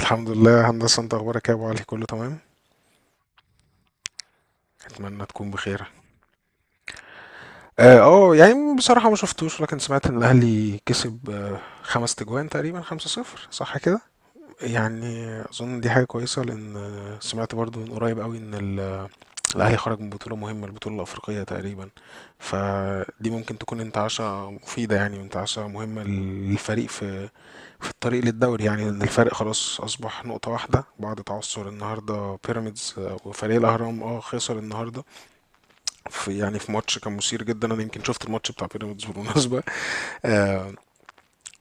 الحمد لله هندسة. انت اخبارك ايه يا ابو علي؟ كله تمام. اتمنى تكون بخير. اه يعني بصراحة ما شفتوش، لكن سمعت ان الاهلي كسب خمس تجوان، تقريبا خمسة صفر صح كده. يعني اظن دي حاجة كويسة، لان سمعت برضو من قريب قوي ان الاهلي خرج من بطولة مهمة، البطولة الافريقية تقريبا. فدي ممكن تكون انتعاشة مفيدة يعني، وانتعاشة مهمة للفريق في في الطريق للدوري، يعني لأن الفرق خلاص أصبح نقطة واحدة بعد تعثر النهاردة بيراميدز، وفريق الأهرام اه خسر النهاردة في يعني في ماتش كان مثير جدا. أنا يمكن شفت الماتش بتاع بيراميدز بالمناسبة. آه،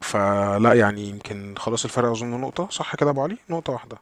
فلا يعني يمكن خلاص الفرق أظن نقطة، صح كده يا أبو علي؟ نقطة واحدة.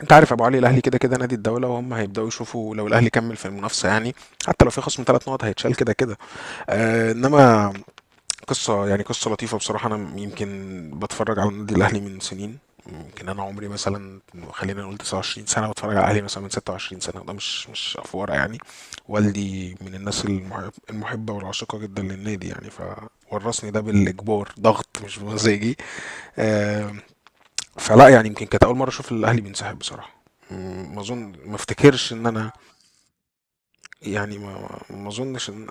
أنت عارف يا أبو علي الأهلي كده كده نادي الدولة، وهم هيبدأوا يشوفوا لو الأهلي كمل في المنافسة يعني، حتى لو في خصم ثلاث نقط هيتشال كده كده. إنما قصة، يعني قصة لطيفة بصراحة. أنا يمكن بتفرج على النادي الأهلي من سنين، يمكن أنا عمري مثلا، خلينا نقول 29 سنة، بتفرج على الأهلي مثلا من 26 سنة، ده مش مش أفورة يعني. والدي من الناس المحب المحبة والعاشقة جدا للنادي يعني، فورثني ده بالإجبار، ضغط مش بمزاجي. آم، فلا يعني يمكن كانت أول مرة أشوف الأهلي بينسحب بصراحة. ما أظن، ما أفتكرش إن أنا يعني ما أظنش إن،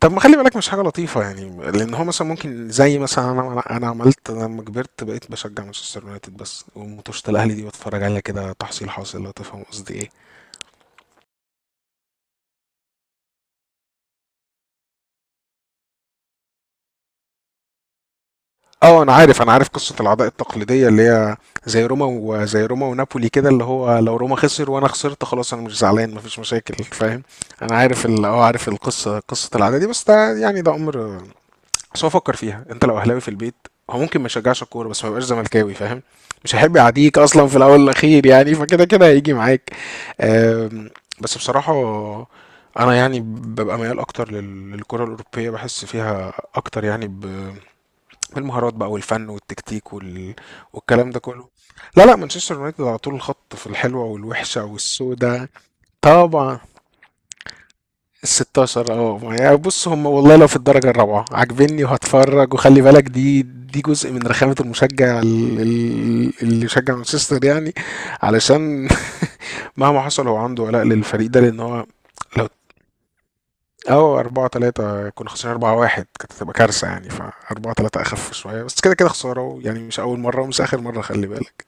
طب ما خلي بالك مش حاجة لطيفة يعني، لأن هو مثلا ممكن زي مثلا أنا، أنا عملت لما كبرت بقيت بشجع مانشستر يونايتد بس، وماتشات الأهلي دي بتفرج عليها كده تحصيل حاصل، لو تفهم قصدي إيه. أه أنا عارف، أنا عارف قصة العداء التقليدية اللي هي زي روما، وزي روما ونابولي كده، اللي هو لو روما خسر وأنا خسرت خلاص أنا مش زعلان، مفيش مشاكل، فاهم. أنا عارف أه عارف القصة، قصة العداء دي، بس ده يعني ده أمر. بس هو فكر فيها، انت لو اهلاوي في البيت هو ممكن ما يشجعش الكوره، بس ما يبقاش زملكاوي، فاهم. مش هيحب يعاديك اصلا، في الاول والاخير يعني، فكده كده هيجي معاك. آم، بس بصراحه انا يعني ببقى ميال اكتر للكره الاوروبيه، بحس فيها اكتر يعني، بالمهارات بقى والفن والتكتيك والكلام ده كله. لا لا مانشستر يونايتد على طول الخط، في الحلوه والوحشه والسوداء. طبعا. الستاشر اه، يعني بص هم والله لو في الدرجة الرابعة عاجبني وهتفرج، وخلي بالك دي، دي جزء من رخامة المشجع اللي يشجع مانشستر يعني، علشان مهما حصل هو عنده ولاء للفريق ده، لان هو لو اه، أربعة تلاتة كنا خسرانين. أربعة واحد كانت هتبقى كارثة يعني، فأربعة تلاتة أخف شوية، بس كده كده خسارة يعني، مش أول مرة ومش آخر مرة خلي بالك.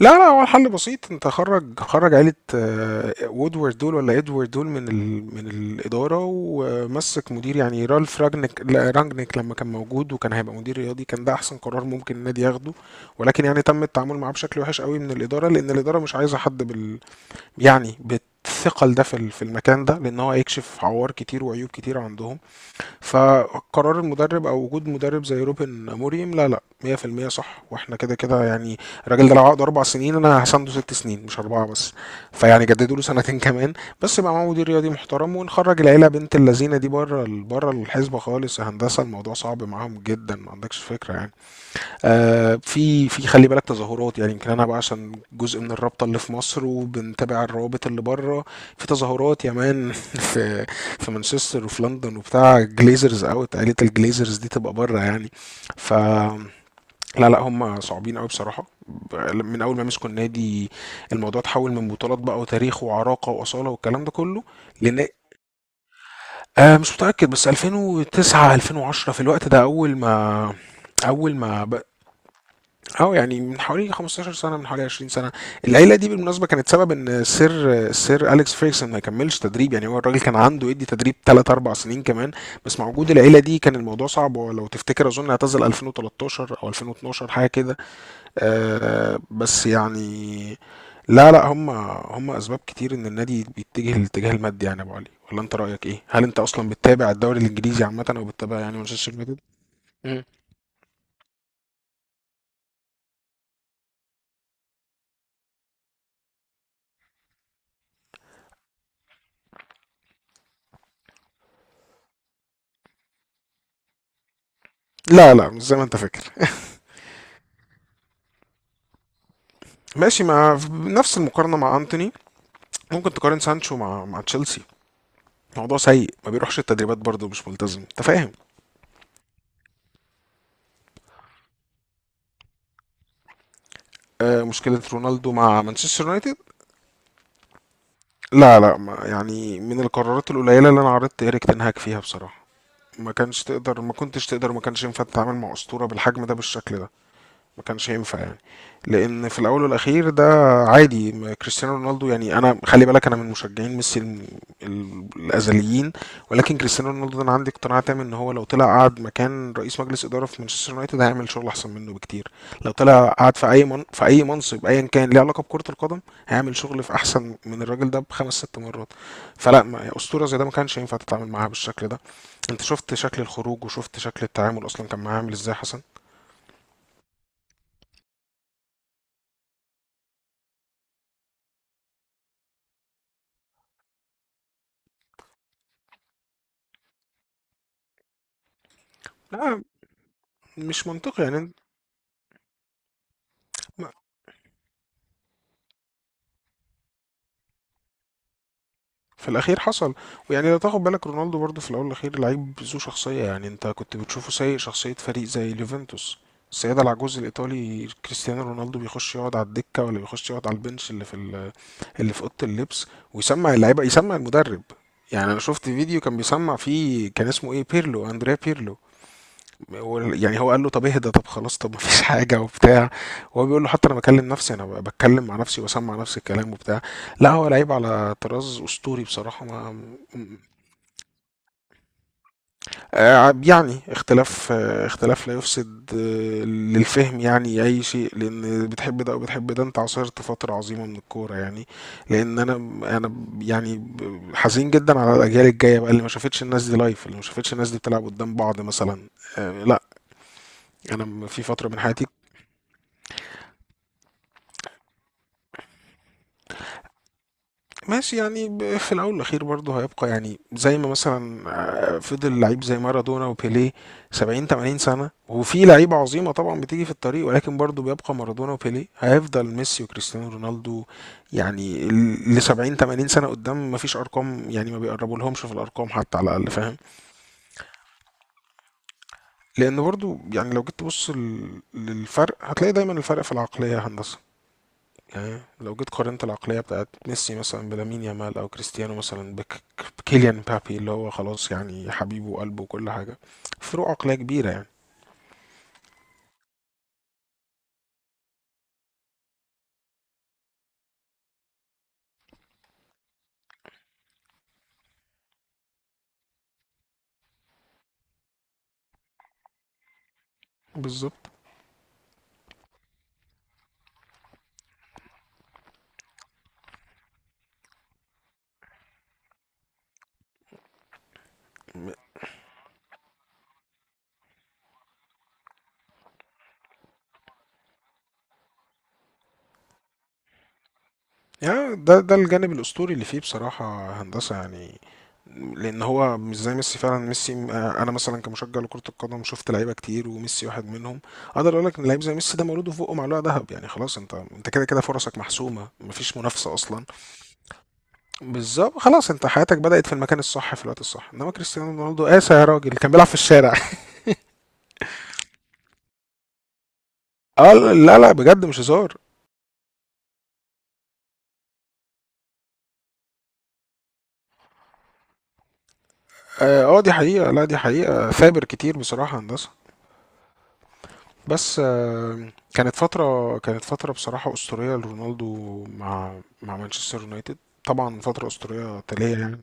لا لا هو الحل بسيط، انت خرج خرج عيلة وودورد دول، ولا ادوارد دول، من من الإدارة، ومسك مدير يعني رالف راجنيك لا رانجنيك، لما كان موجود وكان هيبقى مدير رياضي، كان ده أحسن قرار ممكن النادي ياخده. ولكن يعني تم التعامل معاه بشكل وحش قوي من الإدارة، لأن الإدارة مش عايزة حد بال، يعني بالثقل ده في في المكان ده، لأن هو هيكشف عوار كتير وعيوب كتير عندهم. فقرار المدرب او وجود مدرب زي روبن موريم لا لا 100% صح، واحنا كده كده يعني الراجل ده لو عقد اربع سنين انا هسنده ست سنين، مش اربعه بس. فيعني جددوا له سنتين كمان، بس يبقى معاه مدير رياضي محترم، ونخرج العيله بنت اللذينه دي بره، بره الحسبه خالص يا هندسه. الموضوع صعب معاهم جدا، ما عندكش فكره يعني. في في خلي بالك تظاهرات يعني، يمكن انا بقى عشان جزء من الرابطه اللي في مصر وبنتابع الروابط اللي بره، في تظاهرات يا مان في في مانشستر وفي لندن وبتاع، جليزرز اوت، عائله الجليزرز دي تبقى بره يعني. ف لا لا هم صعبين قوي بصراحه، من اول ما مسكوا النادي الموضوع اتحول من بطولات بقى، وتاريخ وعراقه واصاله والكلام ده كله، لان آه مش متاكد، بس 2009 2010 في الوقت ده، اول ما اول ما اه يعني من حوالي 15 سنة، من حوالي 20 سنة. العيلة دي بالمناسبة كانت سبب ان سير سير أليكس فيرجسون ما يكملش تدريب يعني، هو الراجل كان عنده يدي تدريب 3 4 سنين كمان، بس مع وجود العيلة دي كان الموضوع صعب. ولو تفتكر اظن اعتزل 2013 او 2012 حاجة كده. آه بس يعني لا لا هم، هم اسباب كتير ان النادي بيتجه للاتجاه المادي يعني يا ابو علي. ولا انت رأيك ايه؟ هل انت اصلا بتتابع الدوري الانجليزي عامة، او بتتابع يعني مانشستر يونايتد؟ مم. لا لا مش زي ما انت فاكر. ماشي، مع نفس المقارنة مع أنتوني ممكن تقارن سانشو مع مع تشيلسي. موضوع سيء، ما بيروحش التدريبات برضه، مش ملتزم، انت فاهم. آه، مشكلة رونالدو مع مانشستر يونايتد، لا لا ما يعني، من القرارات القليلة اللي انا عرضت إيريك تنهاك فيها بصراحة. ما كانش تقدر، ما كنتش تقدر، ما كانش ينفع تتعامل مع أسطورة بالحجم ده بالشكل ده، ما كانش هينفع يعني. لان في الاول والاخير ده عادي ما كريستيانو رونالدو، يعني انا خلي بالك انا من مشجعين ميسي الازليين، ولكن كريستيانو رونالدو ده انا عندي اقتناع تام ان هو لو طلع قعد مكان رئيس مجلس اداره في مانشستر يونايتد هيعمل شغل احسن منه بكتير. لو طلع قعد في اي من في اي منصب ايا كان ليه علاقه بكره القدم، هيعمل شغل في احسن من الراجل ده بخمس ست مرات. فلا اسطوره زي ده ما كانش ينفع تتعامل معاها بالشكل ده. انت شفت شكل الخروج، وشفت شكل التعامل اصلا كان معاه عامل ازاي حسن. لا مش منطقي يعني، ما- في الاخير حصل. ويعني لو تاخد بالك رونالدو برضو في الاول والاخير لعيب ذو شخصيه يعني، انت كنت بتشوفه سايق شخصيه فريق زي اليوفنتوس، السيدة العجوز الإيطالي، كريستيانو رونالدو بيخش يقعد على الدكة، ولا بيخش يقعد على البنش اللي في اللي في أوضة اللبس، ويسمع اللعيبة، يسمع المدرب. يعني أنا شفت فيديو كان بيسمع فيه، كان اسمه إيه، بيرلو، أندريا بيرلو. يعني هو قال له طب اهدى، طب خلاص، طب مفيش حاجه وبتاع، وهو بيقول له حتى انا بكلم نفسي، انا بتكلم مع نفسي وبسمع نفسي الكلام وبتاع. لا هو لعيب على طراز اسطوري بصراحه ما م- يعني اختلاف، اختلاف لا يفسد للفهم، يعني اي شيء، لان بتحب ده وبتحب ده، انت عاصرت فتره عظيمه من الكوره يعني. لان انا، انا يعني حزين جدا على الاجيال الجايه بقى، اللي ما شافتش الناس دي لايف، اللي ما شافتش الناس دي بتلعب قدام بعض مثلا. لا انا في فتره من حياتي، ماشي يعني في الاول والاخير برضه هيبقى يعني زي ما مثلا، فضل لعيب زي مارادونا وبيليه 70 80 سنه، وفي لعيبه عظيمه طبعا بتيجي في الطريق، ولكن برضه بيبقى مارادونا وبيليه، هيفضل ميسي وكريستيانو رونالدو يعني ل 70 80 سنه قدام، ما فيش ارقام يعني، ما بيقربوا لهمش في الارقام حتى على الاقل، فاهم. لان برضه يعني لو جيت تبص للفرق هتلاقي دايما الفرق في العقليه يا هندسه. يعني لو جيت قارنت العقلية بتاعت ميسي مثلا بلامين يامال، أو كريستيانو مثلا بكيليان مبابي اللي هو خلاص يعني حبيبه وقلبه وكل حاجة، فروق عقلية كبيرة يعني. بالظبط. م- يعني ده ده الجانب الأسطوري اللي فيه بصراحة هندسة يعني، لأن هو مش زي ميسي فعلا. ميسي أنا مثلا كمشجع لكرة القدم شفت لعيبة كتير، وميسي واحد منهم. أقدر أقول لك إن لعيب زي ميسي ده مولود وفوقه معلقة ذهب يعني، خلاص أنت، أنت كده كده فرصك محسومة، مفيش منافسة أصلا. بالظبط، خلاص انت حياتك بدأت في المكان الصح في الوقت الصح. انما كريستيانو رونالدو قاسى يا راجل، كان بيلعب في الشارع اه لا لا بجد مش هزار. اه دي حقيقة، لا دي حقيقة، ثابر كتير بصراحة يا هندسة. بس آه، كانت فترة، كانت فترة بصراحة أسطورية لرونالدو مع مع مانشستر يونايتد، طبعا فترة أسطورية تالية يعني.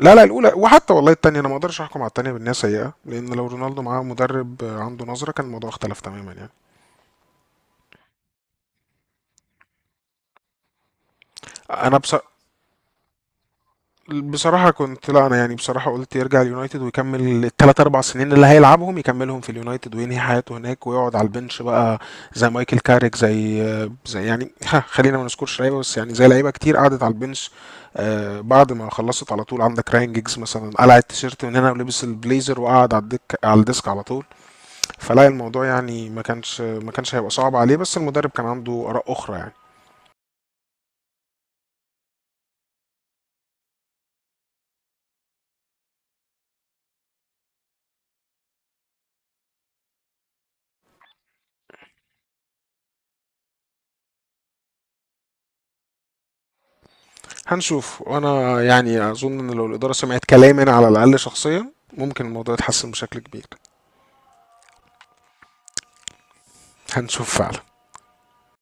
لا لا الأولى، وحتى والله التانية أنا ما أقدرش أحكم على التانية بأنها سيئة، لأن لو رونالدو معاه مدرب عنده نظرة كان الموضوع اختلف تماما يعني. أنا بص... بصراحة كنت، لا أنا يعني بصراحة قلت يرجع اليونايتد ويكمل التلات أربع سنين اللي هيلعبهم، يكملهم في اليونايتد وينهي حياته هناك، ويقعد على البنش بقى زي مايكل كاريك، زي يعني ها خلينا ما نذكرش لعيبة، بس يعني زي لعيبة كتير قعدت على البنش آه بعد ما خلصت على طول. عندك راين جيجز مثلا قلع التيشيرت من هنا ولبس البليزر وقعد على الدك، على الديسك على طول. فلا الموضوع يعني ما كانش هيبقى صعب عليه، بس المدرب كان عنده آراء أخرى يعني. هنشوف، وانا يعني اظن ان لو الاداره سمعت كلامي انا على الاقل شخصيا ممكن الموضوع يتحسن بشكل كبير. هنشوف فعلا.